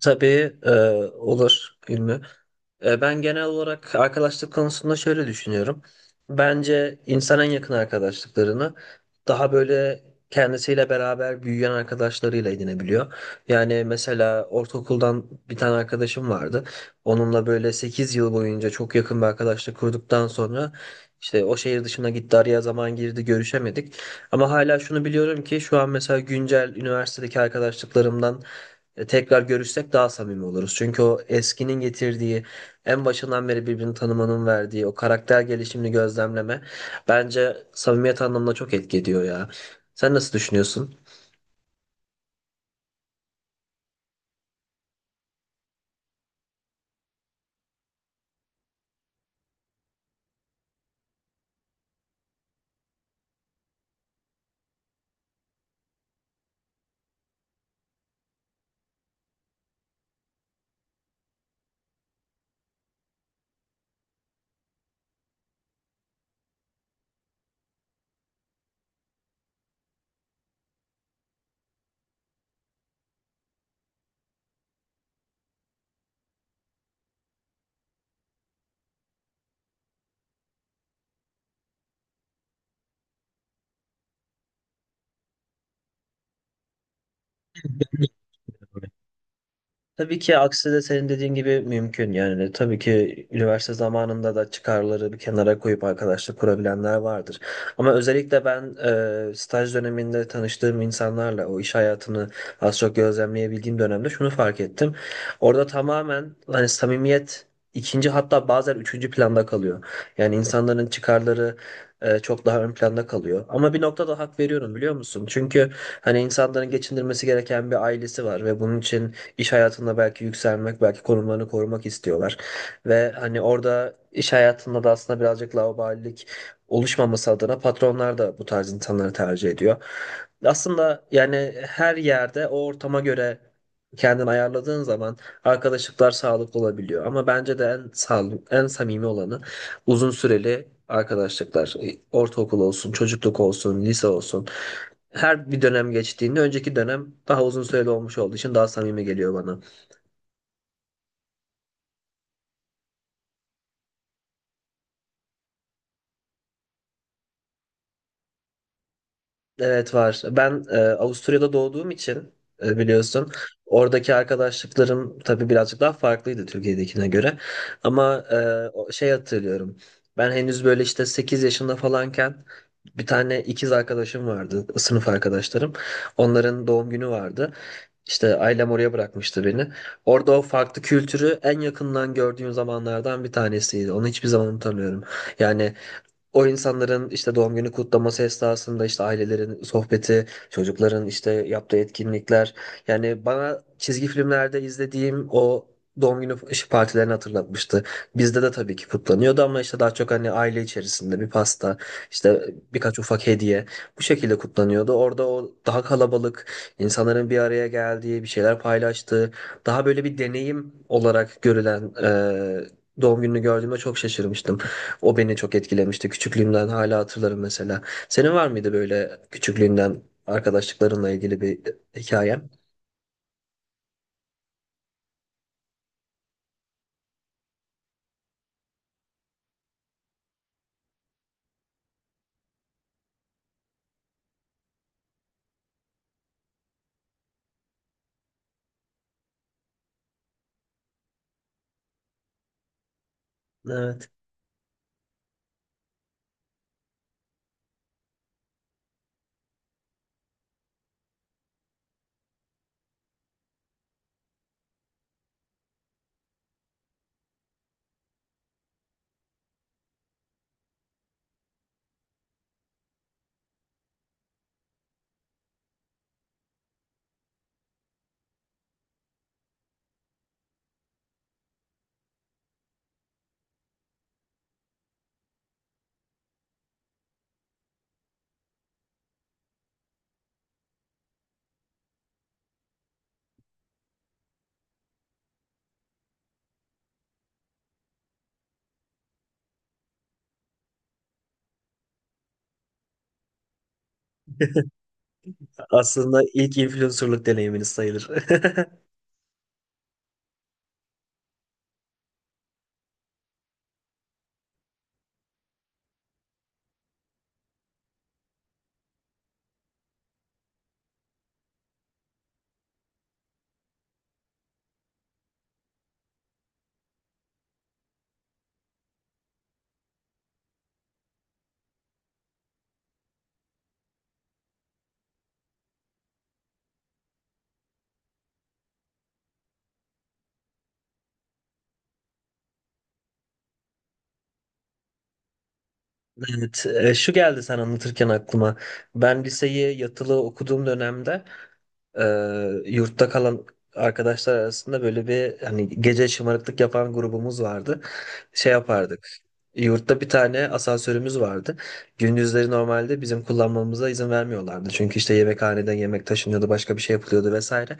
Tabii olur Ümmü. Ben genel olarak arkadaşlık konusunda şöyle düşünüyorum. Bence insan en yakın arkadaşlıklarını daha böyle kendisiyle beraber büyüyen arkadaşlarıyla edinebiliyor. Yani mesela ortaokuldan bir tane arkadaşım vardı. Onunla böyle 8 yıl boyunca çok yakın bir arkadaşlık kurduktan sonra işte o şehir dışına gitti, araya zaman girdi, görüşemedik. Ama hala şunu biliyorum ki şu an mesela güncel üniversitedeki arkadaşlıklarımdan tekrar görüşsek daha samimi oluruz. Çünkü o eskinin getirdiği, en başından beri birbirini tanımanın verdiği o karakter gelişimini gözlemleme bence samimiyet anlamında çok etki ediyor ya. Sen nasıl düşünüyorsun? Tabii ki aksi de senin dediğin gibi mümkün, yani tabii ki üniversite zamanında da çıkarları bir kenara koyup arkadaşlık kurabilenler vardır. Ama özellikle ben staj döneminde tanıştığım insanlarla o iş hayatını az çok gözlemleyebildiğim dönemde şunu fark ettim. Orada tamamen hani samimiyet ikinci, hatta bazen üçüncü planda kalıyor. Yani insanların çıkarları çok daha ön planda kalıyor. Ama bir noktada hak veriyorum, biliyor musun? Çünkü hani insanların geçindirmesi gereken bir ailesi var ve bunun için iş hayatında belki yükselmek, belki konumlarını korumak istiyorlar. Ve hani orada iş hayatında da aslında birazcık laubalilik oluşmaması adına patronlar da bu tarz insanları tercih ediyor. Aslında yani her yerde o ortama göre kendini ayarladığın zaman arkadaşlıklar sağlıklı olabiliyor. Ama bence de en sağlıklı, en samimi olanı uzun süreli arkadaşlıklar. Ortaokul olsun, çocukluk olsun, lise olsun, her bir dönem geçtiğinde önceki dönem daha uzun süreli olmuş olduğu için daha samimi geliyor bana. Evet var. Ben Avusturya'da doğduğum için biliyorsun, oradaki arkadaşlıklarım tabii birazcık daha farklıydı Türkiye'dekine göre. Ama şey hatırlıyorum. Ben henüz böyle işte 8 yaşında falanken bir tane ikiz arkadaşım vardı, sınıf arkadaşlarım. Onların doğum günü vardı. İşte ailem oraya bırakmıştı beni. Orada o farklı kültürü en yakından gördüğüm zamanlardan bir tanesiydi. Onu hiçbir zaman unutamıyorum. Yani o insanların işte doğum günü kutlaması esnasında işte ailelerin sohbeti, çocukların işte yaptığı etkinlikler. Yani bana çizgi filmlerde izlediğim o doğum günü iş partilerini hatırlatmıştı. Bizde de tabii ki kutlanıyordu ama işte daha çok hani aile içerisinde bir pasta, işte birkaç ufak hediye, bu şekilde kutlanıyordu. Orada o daha kalabalık, insanların bir araya geldiği, bir şeyler paylaştığı, daha böyle bir deneyim olarak görülen doğum gününü gördüğümde çok şaşırmıştım. O beni çok etkilemişti. Küçüklüğümden hala hatırlarım mesela. Senin var mıydı böyle küçüklüğünden arkadaşlıklarınla ilgili bir hikayen? Evet. Aslında ilk influencerlık deneyiminiz sayılır. Evet, şu geldi sen anlatırken aklıma. Ben liseyi yatılı okuduğum dönemde Ee, yurtta kalan arkadaşlar arasında böyle bir hani gece şımarıklık yapan grubumuz vardı. Şey yapardık. Yurtta bir tane asansörümüz vardı. Gündüzleri normalde bizim kullanmamıza izin vermiyorlardı. Çünkü işte yemekhaneden yemek taşınıyordu, başka bir şey yapılıyordu vesaire.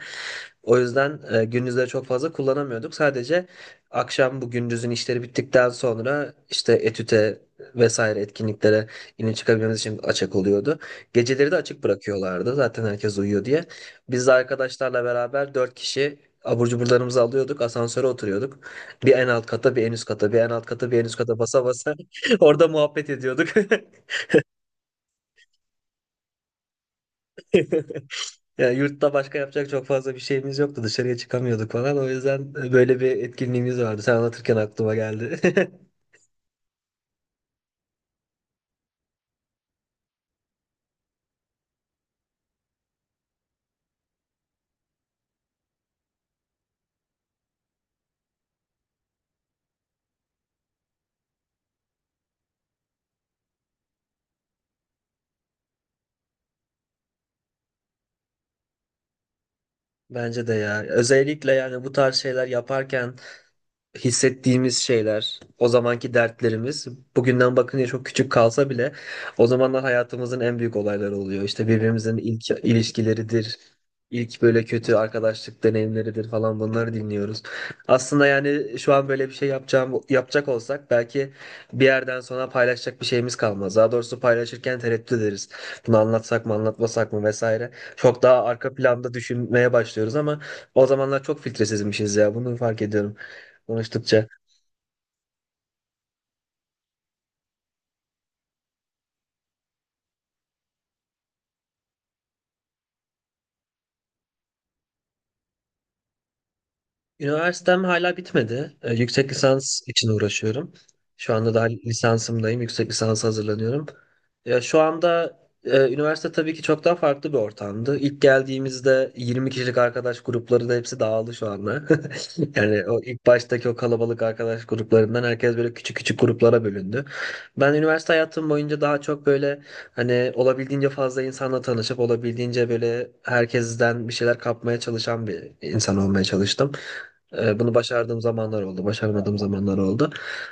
O yüzden gündüzleri çok fazla kullanamıyorduk. Sadece akşam bu gündüzün işleri bittikten sonra işte etüte vesaire etkinliklere yine çıkabilmemiz için açık oluyordu. Geceleri de açık bırakıyorlardı, zaten herkes uyuyor diye. Biz de arkadaşlarla beraber dört kişi abur cuburlarımızı alıyorduk. Asansöre oturuyorduk. Bir en alt kata, bir en üst kata, bir en alt kata, bir en üst kata basa basa orada muhabbet ediyorduk. Yani yurtta başka yapacak çok fazla bir şeyimiz yoktu. Dışarıya çıkamıyorduk falan. O yüzden böyle bir etkinliğimiz vardı. Sen anlatırken aklıma geldi. Bence de ya. Özellikle yani bu tarz şeyler yaparken hissettiğimiz şeyler, o zamanki dertlerimiz bugünden bakınca çok küçük kalsa bile o zamanlar hayatımızın en büyük olayları oluyor. İşte birbirimizin ilk ilişkileridir, ilk böyle kötü arkadaşlık deneyimleridir falan, bunları dinliyoruz. Aslında yani şu an böyle bir şey yapacağım yapacak olsak belki bir yerden sonra paylaşacak bir şeyimiz kalmaz. Daha doğrusu paylaşırken tereddüt ederiz. Bunu anlatsak mı, anlatmasak mı vesaire. Çok daha arka planda düşünmeye başlıyoruz ama o zamanlar çok filtresizmişiz ya. Bunu fark ediyorum konuştukça. Üniversitem hala bitmedi. Yüksek lisans için uğraşıyorum. Şu anda daha lisansımdayım. Yüksek lisansa hazırlanıyorum. Ya şu anda üniversite tabii ki çok daha farklı bir ortamdı. İlk geldiğimizde 20 kişilik arkadaş grupları da hepsi dağıldı şu anda. Yani o ilk baştaki o kalabalık arkadaş gruplarından herkes böyle küçük küçük gruplara bölündü. Ben üniversite hayatım boyunca daha çok böyle hani olabildiğince fazla insanla tanışıp olabildiğince böyle herkesten bir şeyler kapmaya çalışan bir insan olmaya çalıştım. Bunu başardığım zamanlar oldu, başaramadığım zamanlar oldu.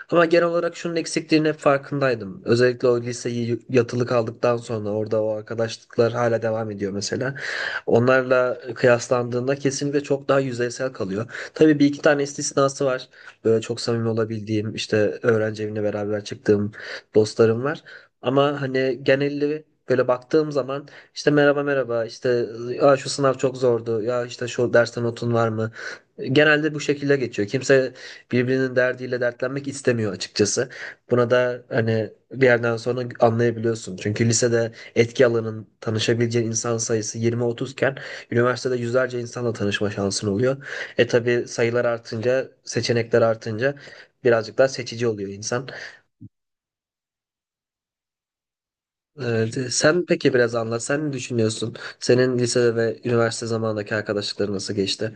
Ama genel olarak şunun eksikliğinin hep farkındaydım. Özellikle o liseyi yatılı kaldıktan sonra orada o arkadaşlıklar hala devam ediyor mesela. Onlarla kıyaslandığında kesinlikle çok daha yüzeysel kalıyor. Tabii bir iki tane istisnası var. Böyle çok samimi olabildiğim, işte öğrenci evine beraber çıktığım dostlarım var. Ama hani genelli böyle baktığım zaman işte merhaba merhaba, işte ya şu sınav çok zordu, ya işte şu dersten notun var mı? Genelde bu şekilde geçiyor. Kimse birbirinin derdiyle dertlenmek istemiyor açıkçası. Buna da hani bir yerden sonra anlayabiliyorsun. Çünkü lisede etki alanın tanışabileceğin insan sayısı 20-30 iken üniversitede yüzlerce insanla tanışma şansın oluyor. E tabii sayılar artınca, seçenekler artınca birazcık daha seçici oluyor insan. Sen peki biraz anlat. Sen ne düşünüyorsun? Senin lisede ve üniversite zamanındaki arkadaşlıkların nasıl geçti?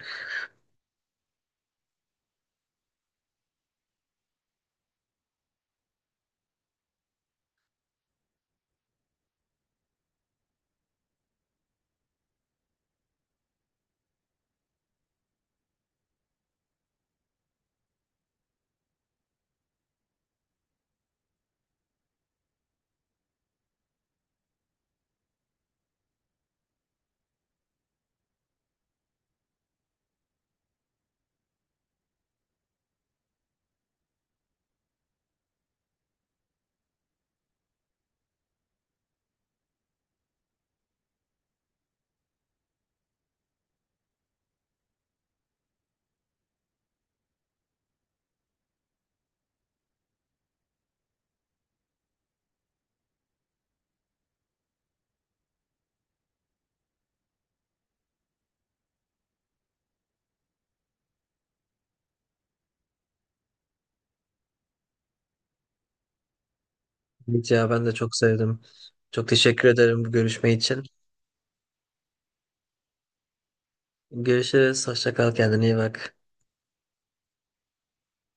Evet ya, ben de çok sevdim. Çok teşekkür ederim bu görüşme için. Görüşürüz. Hoşça kal. Kendine iyi bak.